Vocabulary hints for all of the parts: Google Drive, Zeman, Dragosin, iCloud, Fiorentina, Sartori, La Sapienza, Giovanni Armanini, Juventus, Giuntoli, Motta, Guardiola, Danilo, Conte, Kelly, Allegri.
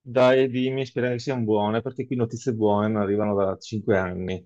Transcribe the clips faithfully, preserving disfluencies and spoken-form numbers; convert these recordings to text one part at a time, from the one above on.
Dai, dimmi, speriamo che siano buone, perché qui notizie buone non arrivano da cinque anni.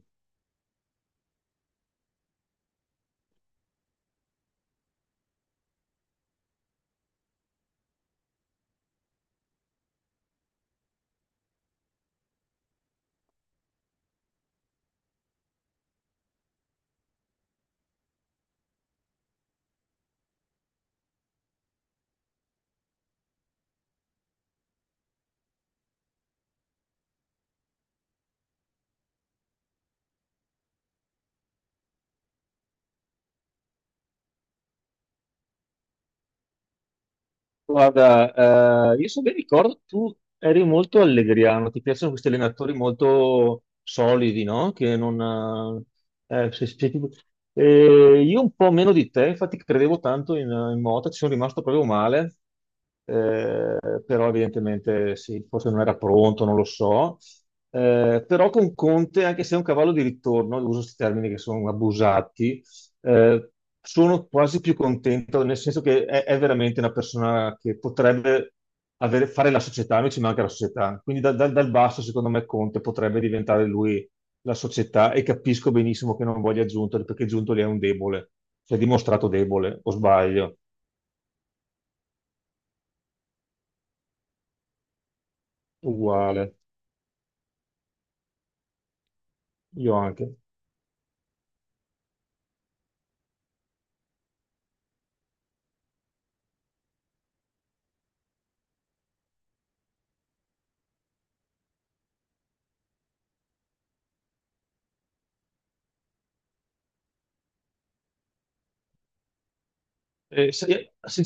Guarda, eh, io so ben ricordo, tu eri molto allegriano, ti piacciono questi allenatori molto solidi, no? Che non... eh, se- se ti- eh, io un po' meno di te, infatti credevo tanto in, in Mota, ci sono rimasto proprio male. Eh, Però evidentemente sì, forse non era pronto, non lo so. Eh, però con Conte, anche se è un cavallo di ritorno, uso questi termini che sono abusati, eh, sono quasi più contento, nel senso che è, è veramente una persona che potrebbe avere- fare la società, noi ci manca la società. Quindi da- da- dal basso, secondo me, Conte potrebbe diventare lui la società, e capisco benissimo che non voglia Giuntoli, perché Giuntoli è un debole, si è dimostrato debole, o sbaglio? Uguale, io anche. Eh, sai- sì,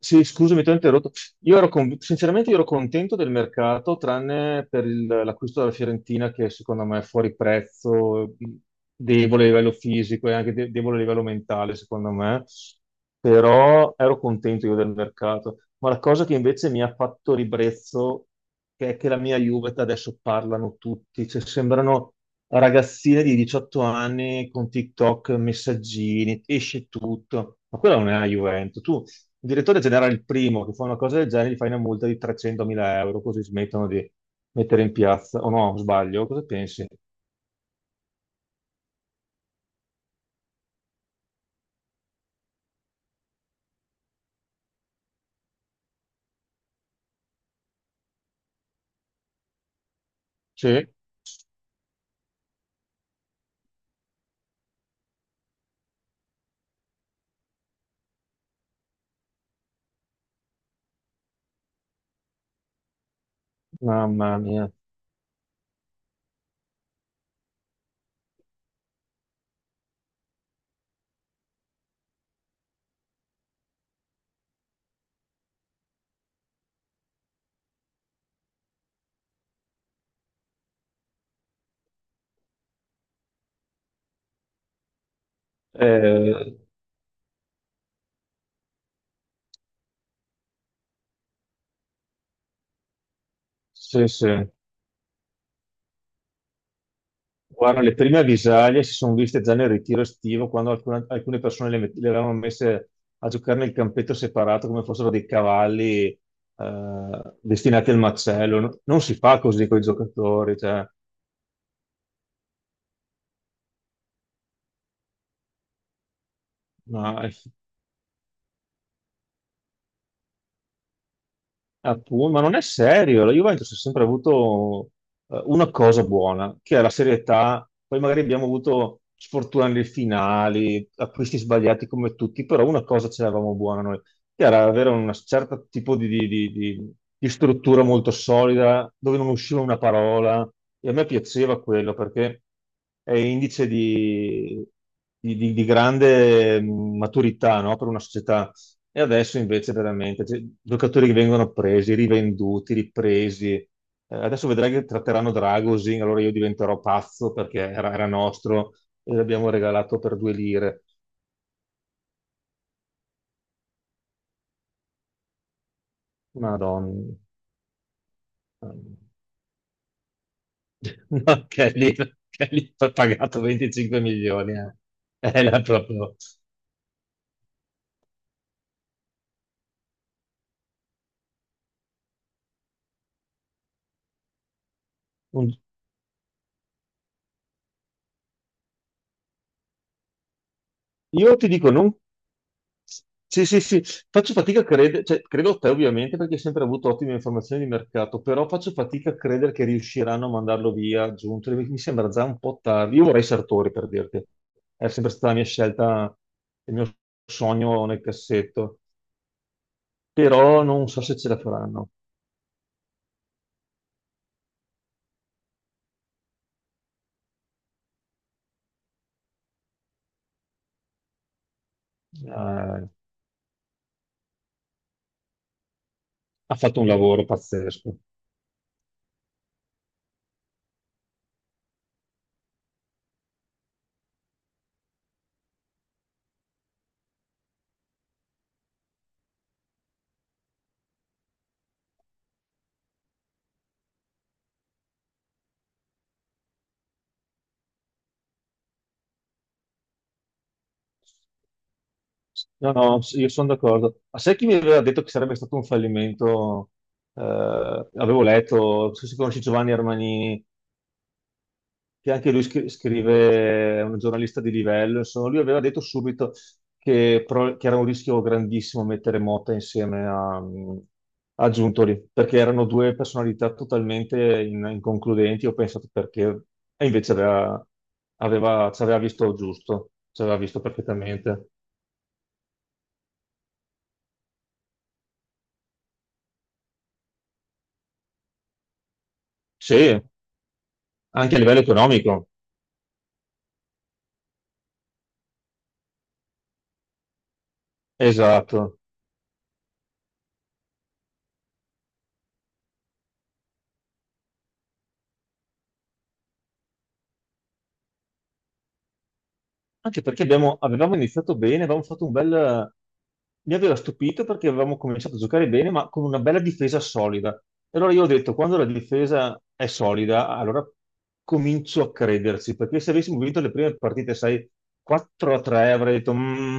sì, scusami, ti ho interrotto. Io ero con- sinceramente io ero contento del mercato, tranne per il- l'acquisto della Fiorentina, che secondo me è fuori prezzo, debole a livello fisico e anche de- debole a livello mentale, secondo me. Però ero contento io del mercato. Ma la cosa che invece mi ha fatto ribrezzo, che è che la mia Juve adesso parlano tutti, cioè sembrano ragazzina di diciotto anni con TikTok, messaggini, esce tutto. Ma quella non è la Juventus. Tu, il direttore generale, il primo che fa una cosa del genere, gli fai una multa di trecentomila euro, così smettono di mettere in piazza. O no, sbaglio? Cosa pensi? Sì, mamma mia. Eh, sì, sì. Guarda, le prime avvisaglie si sono viste già nel ritiro estivo, quando alcune, alcune persone le, met- le avevano messe a giocare nel campetto separato come fossero dei cavalli eh, destinati al macello. No- Non si fa così con i giocatori, cioè, no. Appunto, ma non è serio, la Juventus ha sempre avuto eh, una cosa buona, che è la serietà, poi magari abbiamo avuto sfortuna nelle finali, acquisti sbagliati come tutti, però una cosa ce l'avevamo buona noi, che era avere un certo tipo di, di- di- di- di struttura molto solida, dove non usciva una parola, e a me piaceva quello, perché è indice di, di- di- di grande mm, maturità, no, per una società. E adesso invece veramente, cioè, giocatori che vengono presi, rivenduti, ripresi. Eh, adesso vedrai che tratteranno Dragosin, allora io diventerò pazzo perché era, era nostro e l'abbiamo regalato per due lire. Madonna. No, Kelly, Kelly ha pagato venticinque milioni. eh. Era proprio un- Io ti dico, non sì, sì, sì, faccio fatica a credere, cioè, credo a te ovviamente perché hai sempre avuto ottime informazioni di mercato, però faccio fatica a credere che riusciranno a mandarlo via giunto, mi sembra già un po' tardi. Io vorrei Sartori per dirti, è sempre stata la mia scelta, il mio sogno nel cassetto, però non so se ce la faranno. Eh, ha fatto un lavoro pazzesco. No, no, sì, io sono d'accordo. Ma sai chi mi aveva detto che sarebbe stato un fallimento? Eh, Avevo letto, se si conosci Giovanni Armanini che anche lui scri- scrive, è un giornalista di livello, insomma, lui aveva detto subito che, pro- che era un rischio grandissimo mettere Motta insieme a, a Giuntoli, perché erano due personalità totalmente in- inconcludenti, ho pensato perché, e invece aveva, aveva- ci aveva visto giusto, ci aveva visto perfettamente. Sì, anche a livello economico, esatto. Anche perché abbiamo- avevamo iniziato bene, avevamo fatto un bel... Mi aveva stupito perché avevamo cominciato a giocare bene, ma con una bella difesa solida. E allora io ho detto, quando la difesa è solida, allora comincio a crederci, perché se avessimo vinto le prime partite, sai, quattro a tre, avrei detto, "Mm,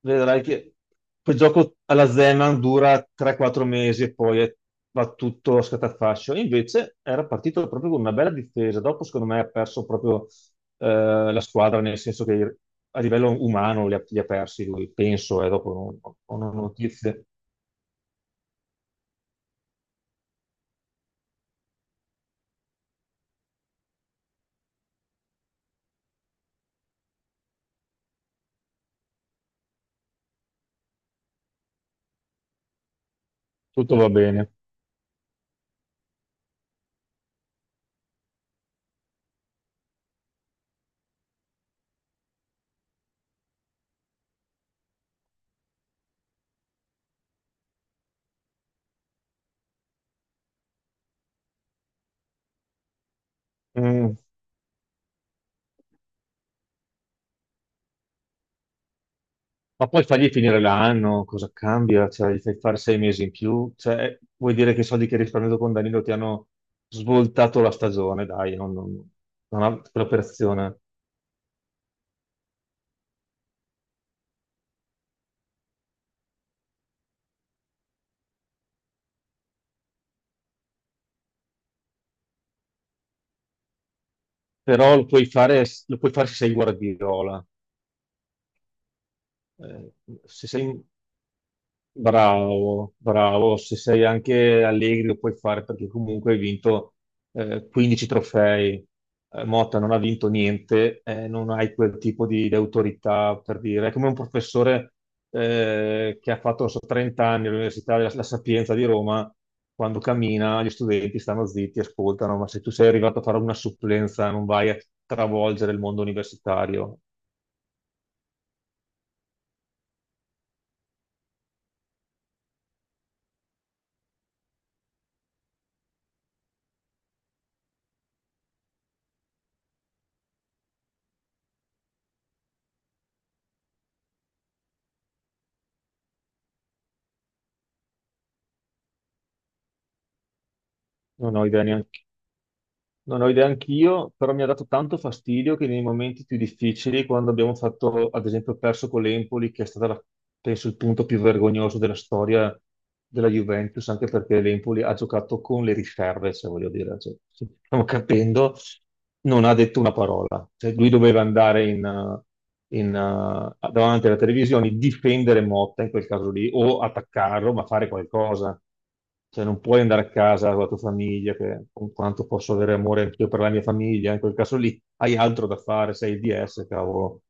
vedrai che quel gioco alla Zeman dura tre a quattro mesi e poi è- va tutto a scatafascio." E invece era partito proprio con una bella difesa, dopo secondo me ha perso proprio eh, la squadra, nel senso che a livello umano li ha, li ha persi lui, penso, e dopo non, non ho notizie. Tutto va bene. Mm. Ma poi fagli finire l'anno, cosa cambia? Cioè, gli fai fare sei mesi in più? Cioè, eh, vuoi dire che i soldi che hai risparmiato con Danilo ti hanno svoltato la stagione? Dai, non, non, non ha quell'operazione. Però lo puoi fare, lo puoi fare se sei Guardiola. Eh, se sei Bravo, bravo. Se sei anche Allegri lo puoi fare perché comunque hai vinto eh, quindici trofei. Eh, Motta non ha vinto niente, eh, non hai quel tipo di, di autorità per dire. È come un professore eh, che ha fatto non so, trenta anni all'Università della La Sapienza di Roma, quando cammina gli studenti stanno zitti, ascoltano, ma se tu sei arrivato a fare una supplenza non vai a travolgere il mondo universitario. Non ho idea neanche Non ho idea anch'io, però mi ha dato tanto fastidio che nei momenti più difficili, quando abbiamo fatto, ad esempio, perso con l'Empoli, che è stato, la- penso, il punto più vergognoso della storia della Juventus, anche perché l'Empoli ha giocato con le riserve, se voglio dire, cioè, se stiamo capendo, non ha detto una parola. Cioè, lui doveva andare in, eh, in, eh, davanti alla televisione, difendere Motta in quel caso lì, o attaccarlo, ma fare qualcosa. Cioè, non puoi andare a casa con la tua famiglia, che con quanto posso avere amore anch'io per la mia famiglia, in quel caso lì hai altro da fare, sei il D S, cavolo.